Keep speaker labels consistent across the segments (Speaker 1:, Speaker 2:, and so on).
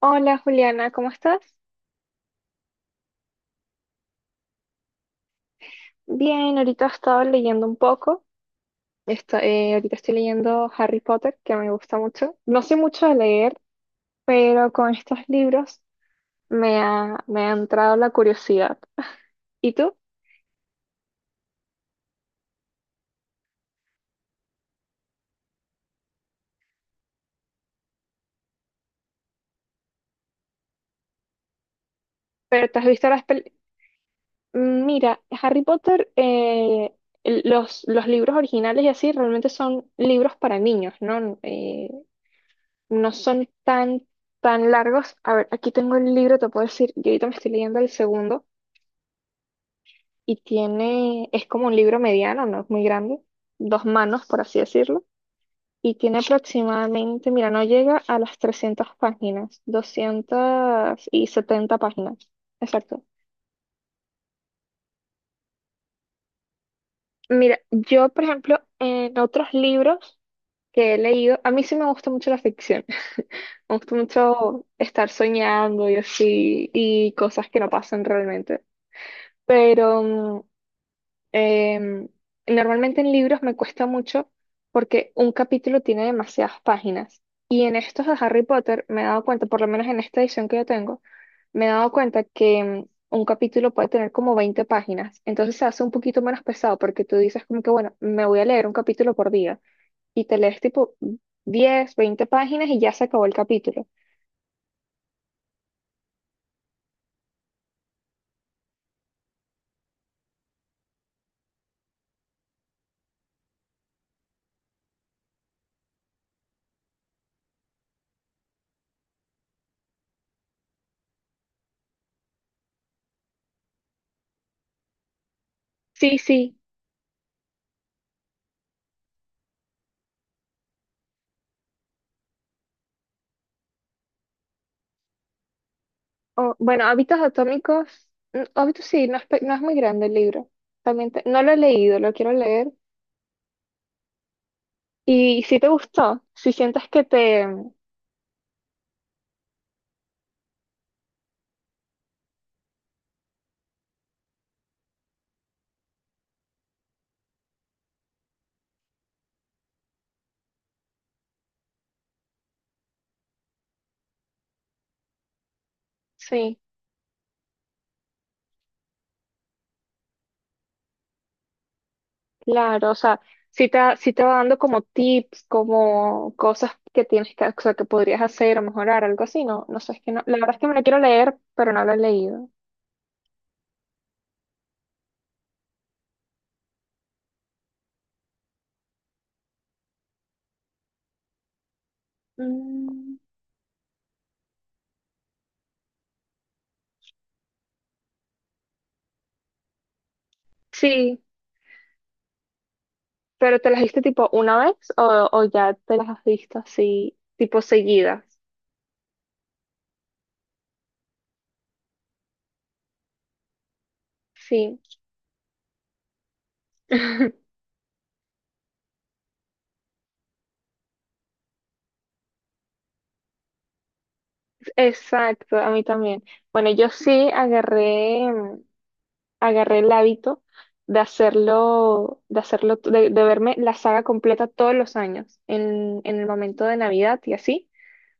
Speaker 1: Hola Juliana, ¿cómo estás? Bien, ahorita he estado leyendo un poco. Ahorita estoy leyendo Harry Potter, que me gusta mucho. No sé mucho de leer, pero con estos libros me ha entrado la curiosidad. ¿Y tú? ¿Pero te has visto las pel- mira, Harry Potter, los libros originales y así realmente son libros para niños, ¿no? No son tan largos. A ver, aquí tengo el libro, te puedo decir, yo ahorita me estoy leyendo el segundo. Y tiene, es como un libro mediano, no es muy grande, dos manos, por así decirlo, y tiene aproximadamente, mira, no llega a las 300 páginas, 270 páginas, exacto. Mira, yo, por ejemplo, en otros libros que he leído, a mí sí me gusta mucho la ficción, me gusta mucho estar soñando y así, y cosas que no pasan realmente, pero Em, normalmente en libros me cuesta mucho porque un capítulo tiene demasiadas páginas. Y en estos de Harry Potter me he dado cuenta, por lo menos en esta edición que yo tengo, me he dado cuenta que un capítulo puede tener como 20 páginas. Entonces se hace un poquito menos pesado porque tú dices como que, bueno, me voy a leer un capítulo por día y te lees tipo 10 20 páginas y ya se acabó el capítulo. Sí, sí. O, bueno, Hábitos Atómicos, Hábitos sí, no es, no es muy grande el libro. También no lo he leído, lo quiero leer. Y si te gustó, si sientes que sí, claro, o sea, si te va dando como tips, como cosas que tienes que, o sea, que podrías hacer o mejorar, algo así, no, no sé, es que no, la verdad es que me la quiero leer, pero no la he leído. Mm, sí, pero ¿te las viste tipo una vez o ya te las has visto así, tipo seguidas? Sí, exacto, a mí también. Bueno, yo sí agarré el hábito de hacerlo, de verme la saga completa todos los años, en el momento de Navidad y así,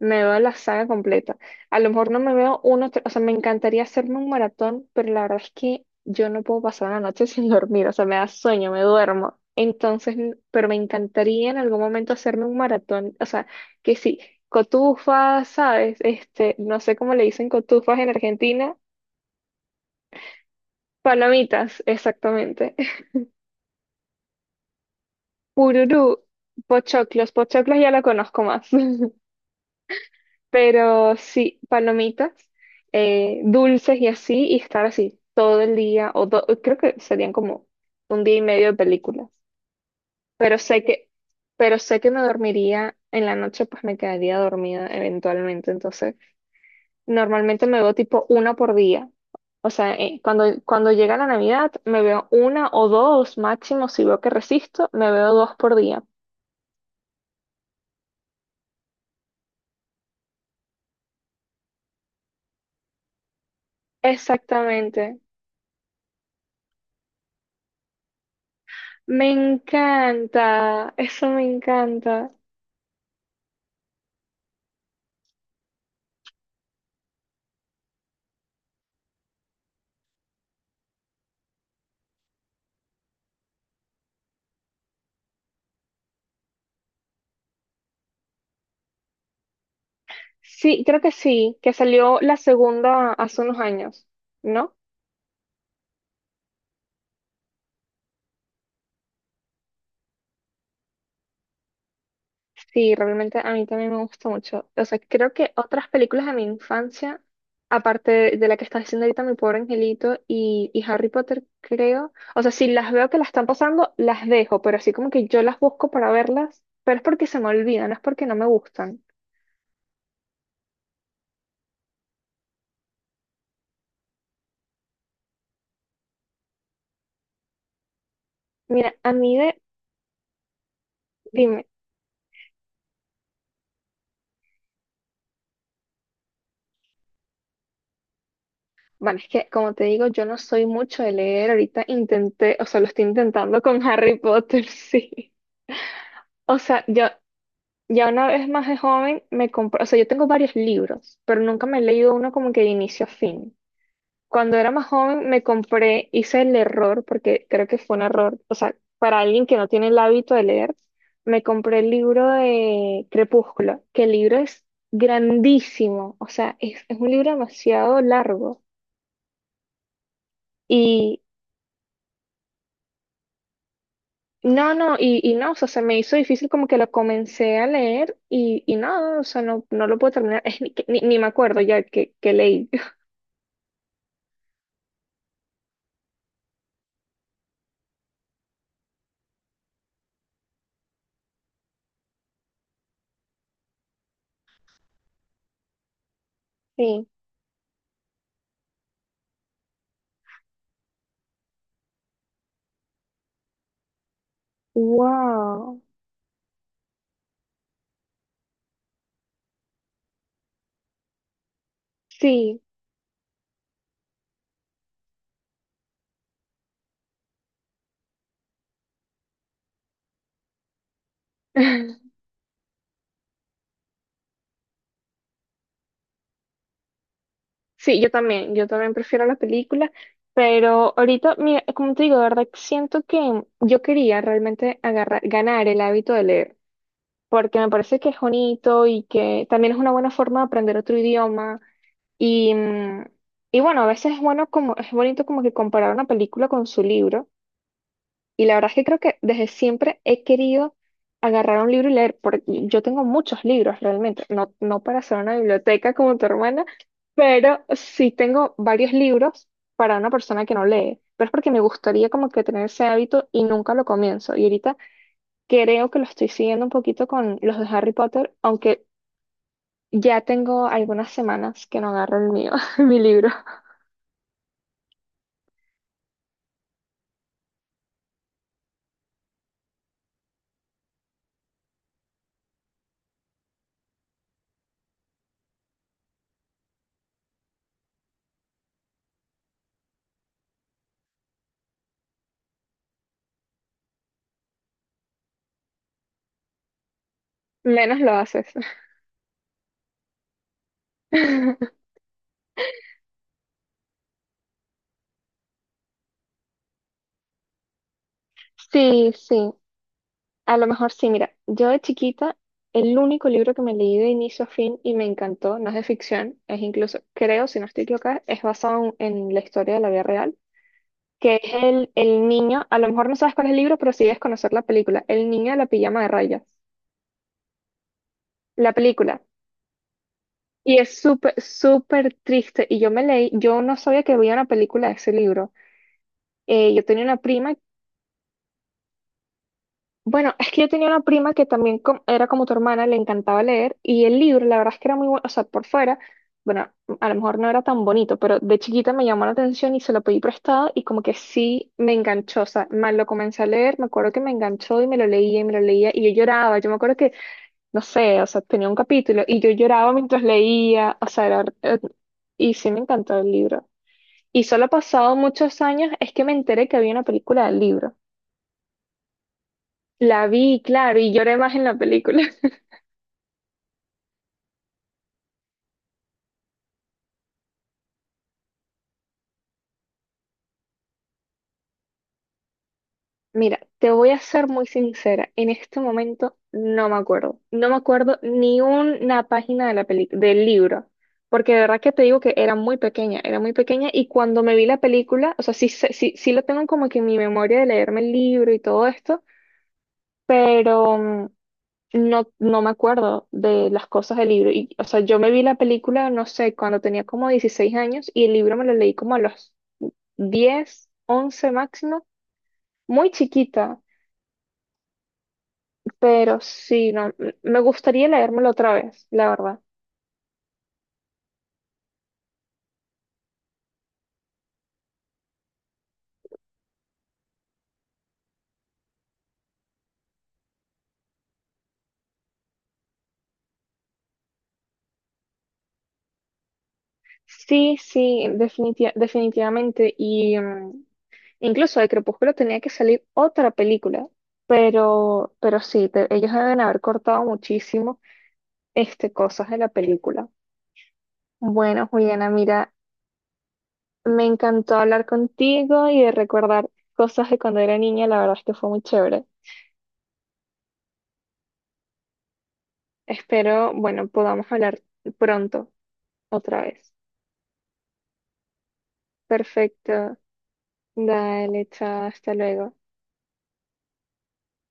Speaker 1: me veo la saga completa. A lo mejor no me veo uno, o sea, me encantaría hacerme un maratón, pero la verdad es que yo no puedo pasar la noche sin dormir, o sea, me da sueño, me duermo. Entonces, pero me encantaría en algún momento hacerme un maratón, o sea, que sí, cotufas, ¿sabes? Este, no sé cómo le dicen cotufas en Argentina. Palomitas, exactamente. Pururú, pochoclos, pochoclos ya la conozco más, pero sí, palomitas, dulces y así, y estar así todo el día, creo que serían como un día y medio de películas, pero sé que, pero sé que me dormiría en la noche, pues me quedaría dormida eventualmente, entonces normalmente me veo tipo una por día, o sea, cuando llega la Navidad me veo una o dos máximo, si veo que resisto, me veo dos por día. Exactamente. Me encanta, eso me encanta. Sí, creo que sí, que salió la segunda hace unos años, ¿no? Sí, realmente a mí también me gusta mucho. O sea, creo que otras películas de mi infancia, aparte de la que está diciendo ahorita Mi Pobre Angelito y Harry Potter, creo. O sea, si las veo que las están pasando, las dejo, pero así como que yo las busco para verlas, pero es porque se me olvidan, no es porque no me gustan. Mira, a mí dime. Bueno, es que como te digo, yo no soy mucho de leer. Ahorita intenté, o sea, lo estoy intentando con Harry Potter, sí. O sea, yo ya una vez más de joven me compré, o sea, yo tengo varios libros, pero nunca me he leído uno como que de inicio a fin. Cuando era más joven me compré, hice el error, porque creo que fue un error, o sea, para alguien que no tiene el hábito de leer, me compré el libro de Crepúsculo, que el libro es grandísimo, o sea, es un libro demasiado largo. Y no, no, y no, o sea, se me hizo difícil como que lo comencé a leer y no, o sea, no, no lo puedo terminar, es ni me acuerdo ya que leí. Sí. Wow. Sí. Sí, yo también prefiero la película, pero ahorita, mira, como te digo, de verdad que siento que yo quería realmente agarrar, ganar el hábito de leer, porque me parece que es bonito y que también es una buena forma de aprender otro idioma, Y, mm, y bueno, a veces es bueno como, es bonito como que comparar una película con su libro. Y la verdad es que creo que desde siempre he querido agarrar un libro y leer, porque yo tengo muchos libros realmente, no, no para hacer una biblioteca como tu hermana, pero sí tengo varios libros para una persona que no lee. Pero es porque me gustaría como que tener ese hábito y nunca lo comienzo. Y ahorita creo que lo estoy siguiendo un poquito con los de Harry Potter, aunque ya tengo algunas semanas que no agarro el mío, mi libro. Menos lo haces. Sí, sí, a lo mejor sí. Mira, yo de chiquita, el único libro que me leí de inicio a fin y me encantó, no es de ficción, es incluso, creo, si no estoy equivocada, es basado en, la historia de la vida real, que es el niño, a lo mejor no sabes cuál es el libro, pero sí debes conocer la película, El niño de la pijama de rayas, la película. Y es súper, súper triste. Y yo me leí, yo no sabía que había una película de ese libro. Yo tenía una prima. Bueno, es que yo tenía una prima que también era como tu hermana, le encantaba leer y el libro, la verdad es que era muy bueno, o sea, por fuera, bueno, a lo mejor no era tan bonito, pero de chiquita me llamó la atención y se lo pedí prestado y como que sí me enganchó, o sea, más lo comencé a leer, me acuerdo que me enganchó y me lo leía y me lo leía y yo lloraba, yo me acuerdo que, no sé, o sea, tenía un capítulo y yo lloraba mientras leía, o sea, era, y sí me encantó el libro. Y solo pasado muchos años es que me enteré que había una película del libro. La vi, claro, y lloré más en la película. Mira, te voy a ser muy sincera. En este momento no me acuerdo. No me acuerdo ni una página de la del libro. Porque de verdad que te digo que era muy pequeña y cuando me vi la película, o sea, sí, sí, sí lo tengo como que en mi memoria de leerme el libro y todo esto, pero no, no me acuerdo de las cosas del libro. Y, o sea, yo me vi la película, no sé, cuando tenía como 16 años y el libro me lo leí como a los 10, 11 máximo, muy chiquita. Pero sí, no, me gustaría leérmelo otra vez, la verdad. Sí, sí, definitivamente. Y incluso de Crepúsculo tenía que salir otra película, pero sí, ellos deben haber cortado muchísimo cosas de la película. Bueno, Juliana, mira, me encantó hablar contigo y de recordar cosas de cuando era niña, la verdad es que fue muy chévere. Espero, bueno, podamos hablar pronto otra vez. Perfecto. Dale, chao, hasta luego.